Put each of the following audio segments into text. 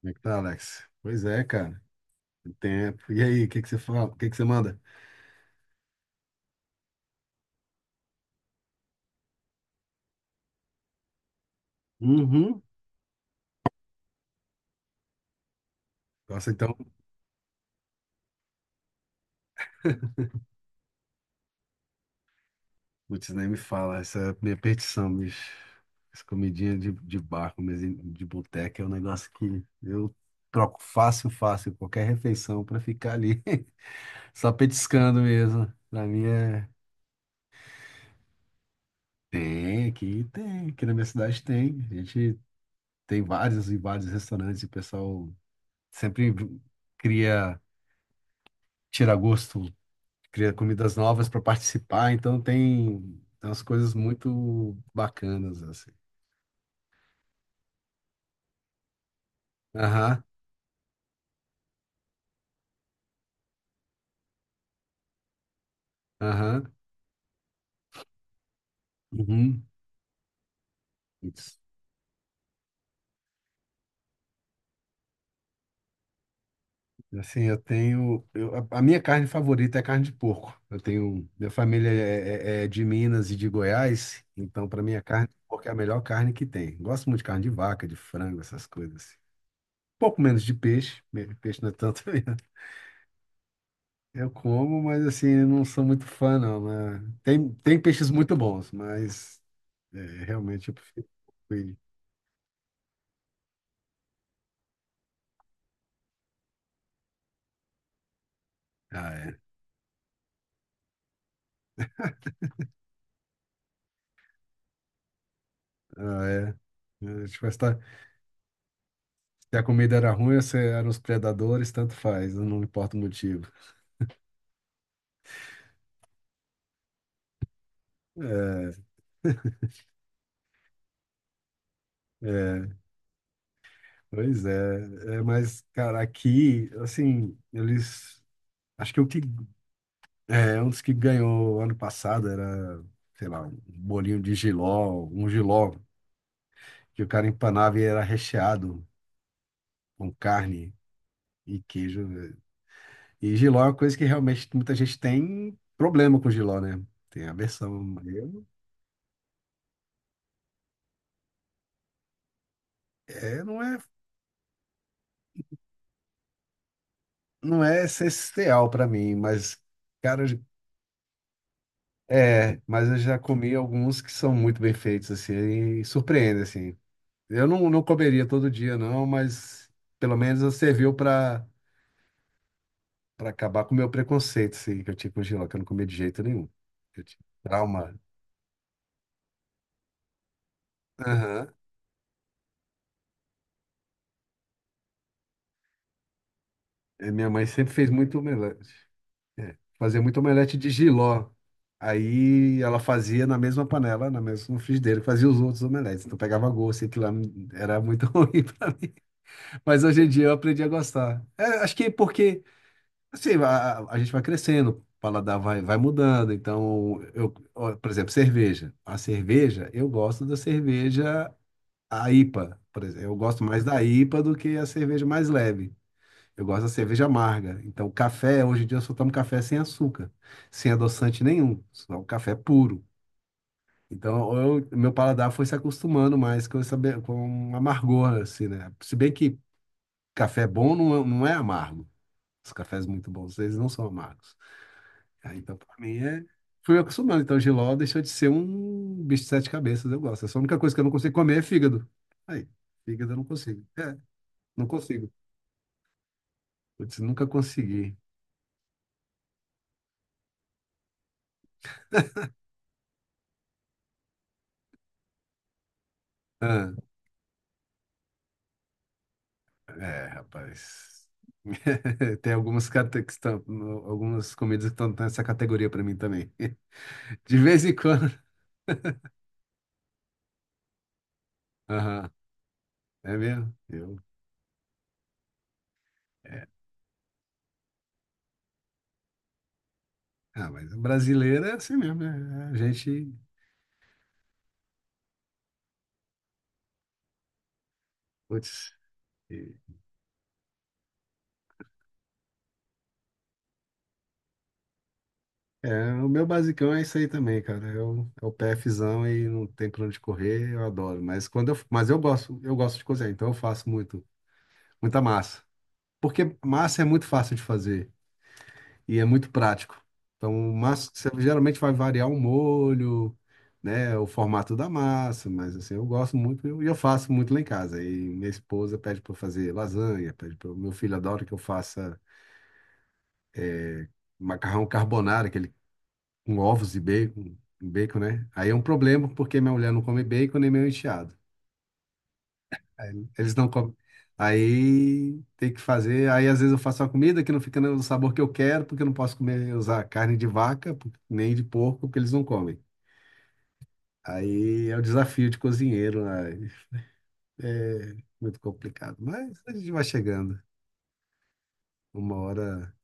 Como é que tá, Alex? Pois é, cara. Tem tempo. E aí, o que você fala? O que você manda? Uhum. Nossa, então, putz, nem me fala. Essa é a minha petição, bicho. Essa comidinha de bar, comezinho de boteca é um negócio que eu troco fácil, fácil, qualquer refeição pra ficar ali, só petiscando mesmo. Pra mim é. Tem, aqui na minha cidade tem. A gente tem vários e vários restaurantes e o pessoal sempre cria tira gosto cria comidas novas para participar, então tem, tem umas coisas muito bacanas, assim. Aham, aham, uhum. Isso. Assim, eu tenho. A minha carne favorita é carne de porco. Eu tenho. Minha família é de Minas e de Goiás, então para mim a carne de porco é a melhor carne que tem. Gosto muito de carne de vaca, de frango, essas coisas, assim. Um pouco menos de peixe, peixe não é tanto. Eu como, mas assim, eu não sou muito fã, não. Né? Tem, tem peixes muito bons, mas é, realmente eu prefiro coelho. Ah, é. Ah, é. É. Tipo, se a comida era ruim, ou se eram os predadores, tanto faz, não importa o motivo. É, é, pois é, é, mas, cara, aqui, assim, eles. Acho que o que. É, um dos que ganhou ano passado era, sei lá, um bolinho de jiló, um jiló, que o cara empanava e era recheado com carne e queijo. E giló é uma coisa que realmente muita gente tem problema com giló, né? Tem aversão. Eu, é, não é, não é essencial para mim, mas, cara, é, mas eu já comi alguns que são muito bem feitos, assim, e surpreende, assim. Eu não, não comeria todo dia, não, mas pelo menos serviu para acabar com o meu preconceito, assim, que eu tinha com giló, que eu não comia de jeito nenhum. Eu tinha trauma. Aham. E minha mãe sempre fez muito omelete. É, fazia muito omelete de jiló. Aí ela fazia na mesma panela, na mesma no frigideira, fazia os outros omeletes. Então pegava gosto, e aquilo lá era muito ruim para mim. Mas hoje em dia eu aprendi a gostar. É, acho que porque assim, a gente vai crescendo, o paladar vai mudando. Então, eu, ó, por exemplo, cerveja. A cerveja, eu gosto da cerveja a IPA, por exemplo. Eu gosto mais da IPA do que a cerveja mais leve. Eu gosto da cerveja amarga. Então, café, hoje em dia eu só tomo café sem açúcar, sem adoçante nenhum, só o café puro. Então, meu paladar foi se acostumando mais com essa, com amargor, assim, né? Se bem que café bom não, não é amargo. Os cafés muito bons, eles não são amargos. Ah, então, para mim, é… fui me acostumando. Então, jiló deixou de ser um bicho de sete cabeças, eu gosto. Essa é a única coisa que eu não consigo comer é fígado. Aí, fígado eu não consigo. É, não consigo. Putz, nunca consegui. É, rapaz. Tem algumas, que estão, algumas comidas que estão nessa categoria para mim também. De vez em quando. Aham, é mesmo? Eu, é. Ah, mas brasileiro é assim mesmo, né? A gente. Putz. E- é, o meu basicão é isso aí também, cara. Eu, é o PFzão e não tem pra onde correr, eu adoro. Mas eu gosto de cozinhar, então eu faço muito, muita massa. Porque massa é muito fácil de fazer e é muito prático. Então, o máximo que você geralmente vai variar o molho, né, o formato da massa, mas assim, eu gosto muito e eu faço muito lá em casa. E minha esposa pede para eu fazer lasanha, pede para meu filho adora que eu faça macarrão carbonara, aquele com ovos e bacon, bacon, né? Aí é um problema porque minha mulher não come bacon nem meu enteado. Eles não comem. Aí tem que fazer. Aí às vezes eu faço uma comida que não fica no sabor que eu quero, porque eu não posso comer, usar carne de vaca, nem de porco, porque eles não comem. Aí é o desafio de cozinheiro, né? É muito complicado, mas a gente vai chegando. Uma hora.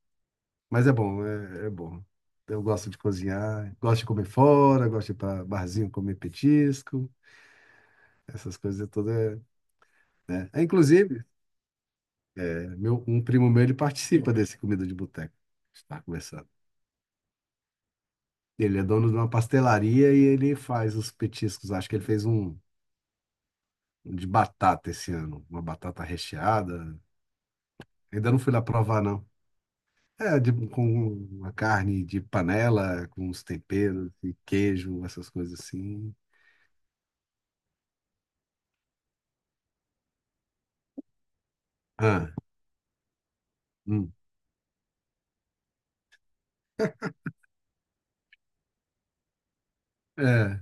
Mas é bom, é, é bom. Eu gosto de cozinhar, gosto de comer fora, gosto de ir para barzinho comer petisco, essas coisas todas, né? É, inclusive, é, meu, um primo meu, ele participa desse comida de boteco. A gente está conversando. Ele é dono de uma pastelaria e ele faz os petiscos. Acho que ele fez um, um de batata esse ano, uma batata recheada. Ainda não fui lá provar, não. É, de, com uma carne de panela, com os temperos e queijo, essas coisas assim. Ah, hum. É.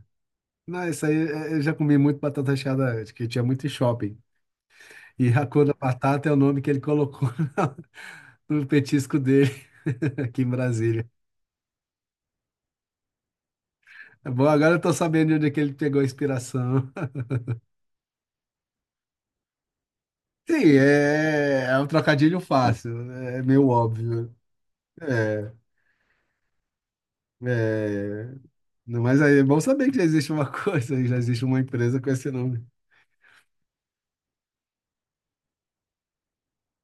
Não, isso aí é, eu já comi muito batata recheada antes, que tinha muito em shopping. E a cor da batata é o nome que ele colocou na- no petisco dele aqui em Brasília. É bom, agora eu tô sabendo de onde é que ele pegou a inspiração. Sim, é, é um trocadilho fácil, é meio óbvio. É, é. Não, mas aí é bom saber que já existe uma coisa, já existe uma empresa com esse nome.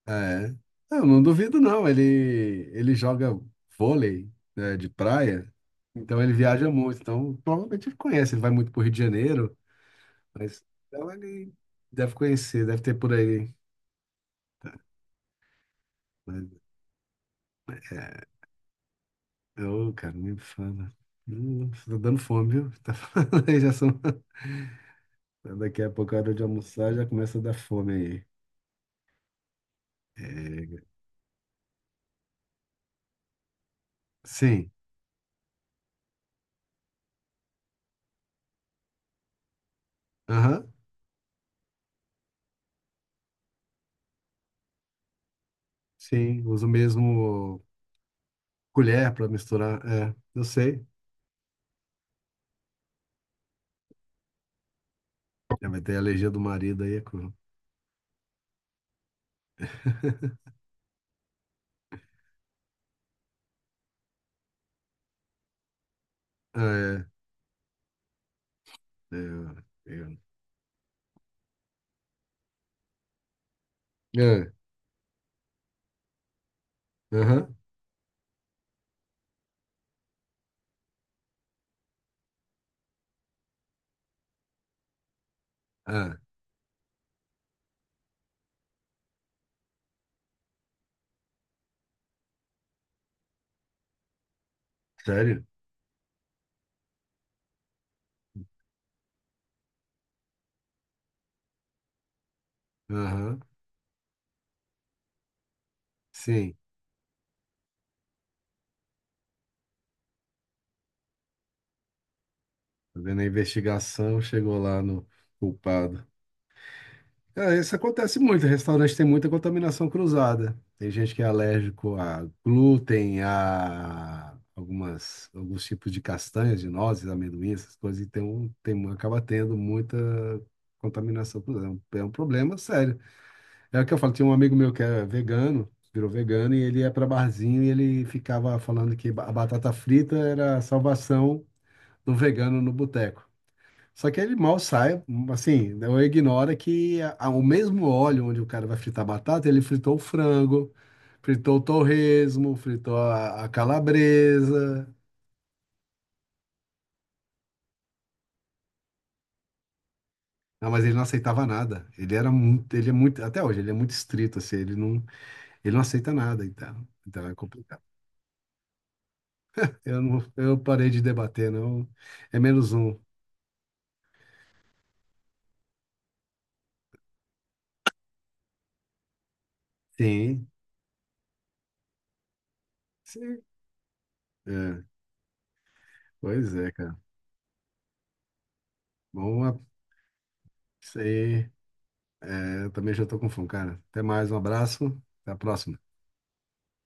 Ah, é. Eu não duvido, não. Ele joga vôlei, né, de praia, então ele viaja muito. Então, provavelmente ele conhece. Ele vai muito para Rio de Janeiro, mas então ele deve conhecer, deve ter por aí. Mas, é, ô, cara, nem fala. Tá dando fome, viu? Tá falando aí, já são… Daqui a pouco, a hora de almoçar, já começa a dar fome aí. É, sim, aham, sim, uso mesmo colher para misturar, é, eu sei. É, vai ter a alergia do marido aí, é cru. Ah, é, é, é. É, aham, ah, sério? Aham, sim. Fazendo a investigação, chegou lá no culpado. É, isso acontece muito, restaurante tem muita contaminação cruzada. Tem gente que é alérgico a glúten, a algumas, alguns tipos de castanhas, de nozes, amendoim, essas coisas, e tem, um- acaba tendo muita contaminação cruzada. É um problema sério. É o que eu falo, tinha um amigo meu que é vegano, virou vegano, e ele ia para barzinho e ele ficava falando que a batata frita era a salvação do vegano no boteco. Só que ele mal sai, assim, ou ignora que o mesmo óleo onde o cara vai fritar a batata, ele fritou o frango, fritou o torresmo, fritou a calabresa. Não, mas ele não aceitava nada. Ele era muito, ele é muito, até hoje, ele é muito estrito, assim, ele não aceita nada, então. Então é complicado. Eu parei de debater, não. É menos um. Sim. Sim. É, pois é, cara. Bom, isso aí. É, eu também já tô com fome, cara. Até mais, um abraço. Até a próxima.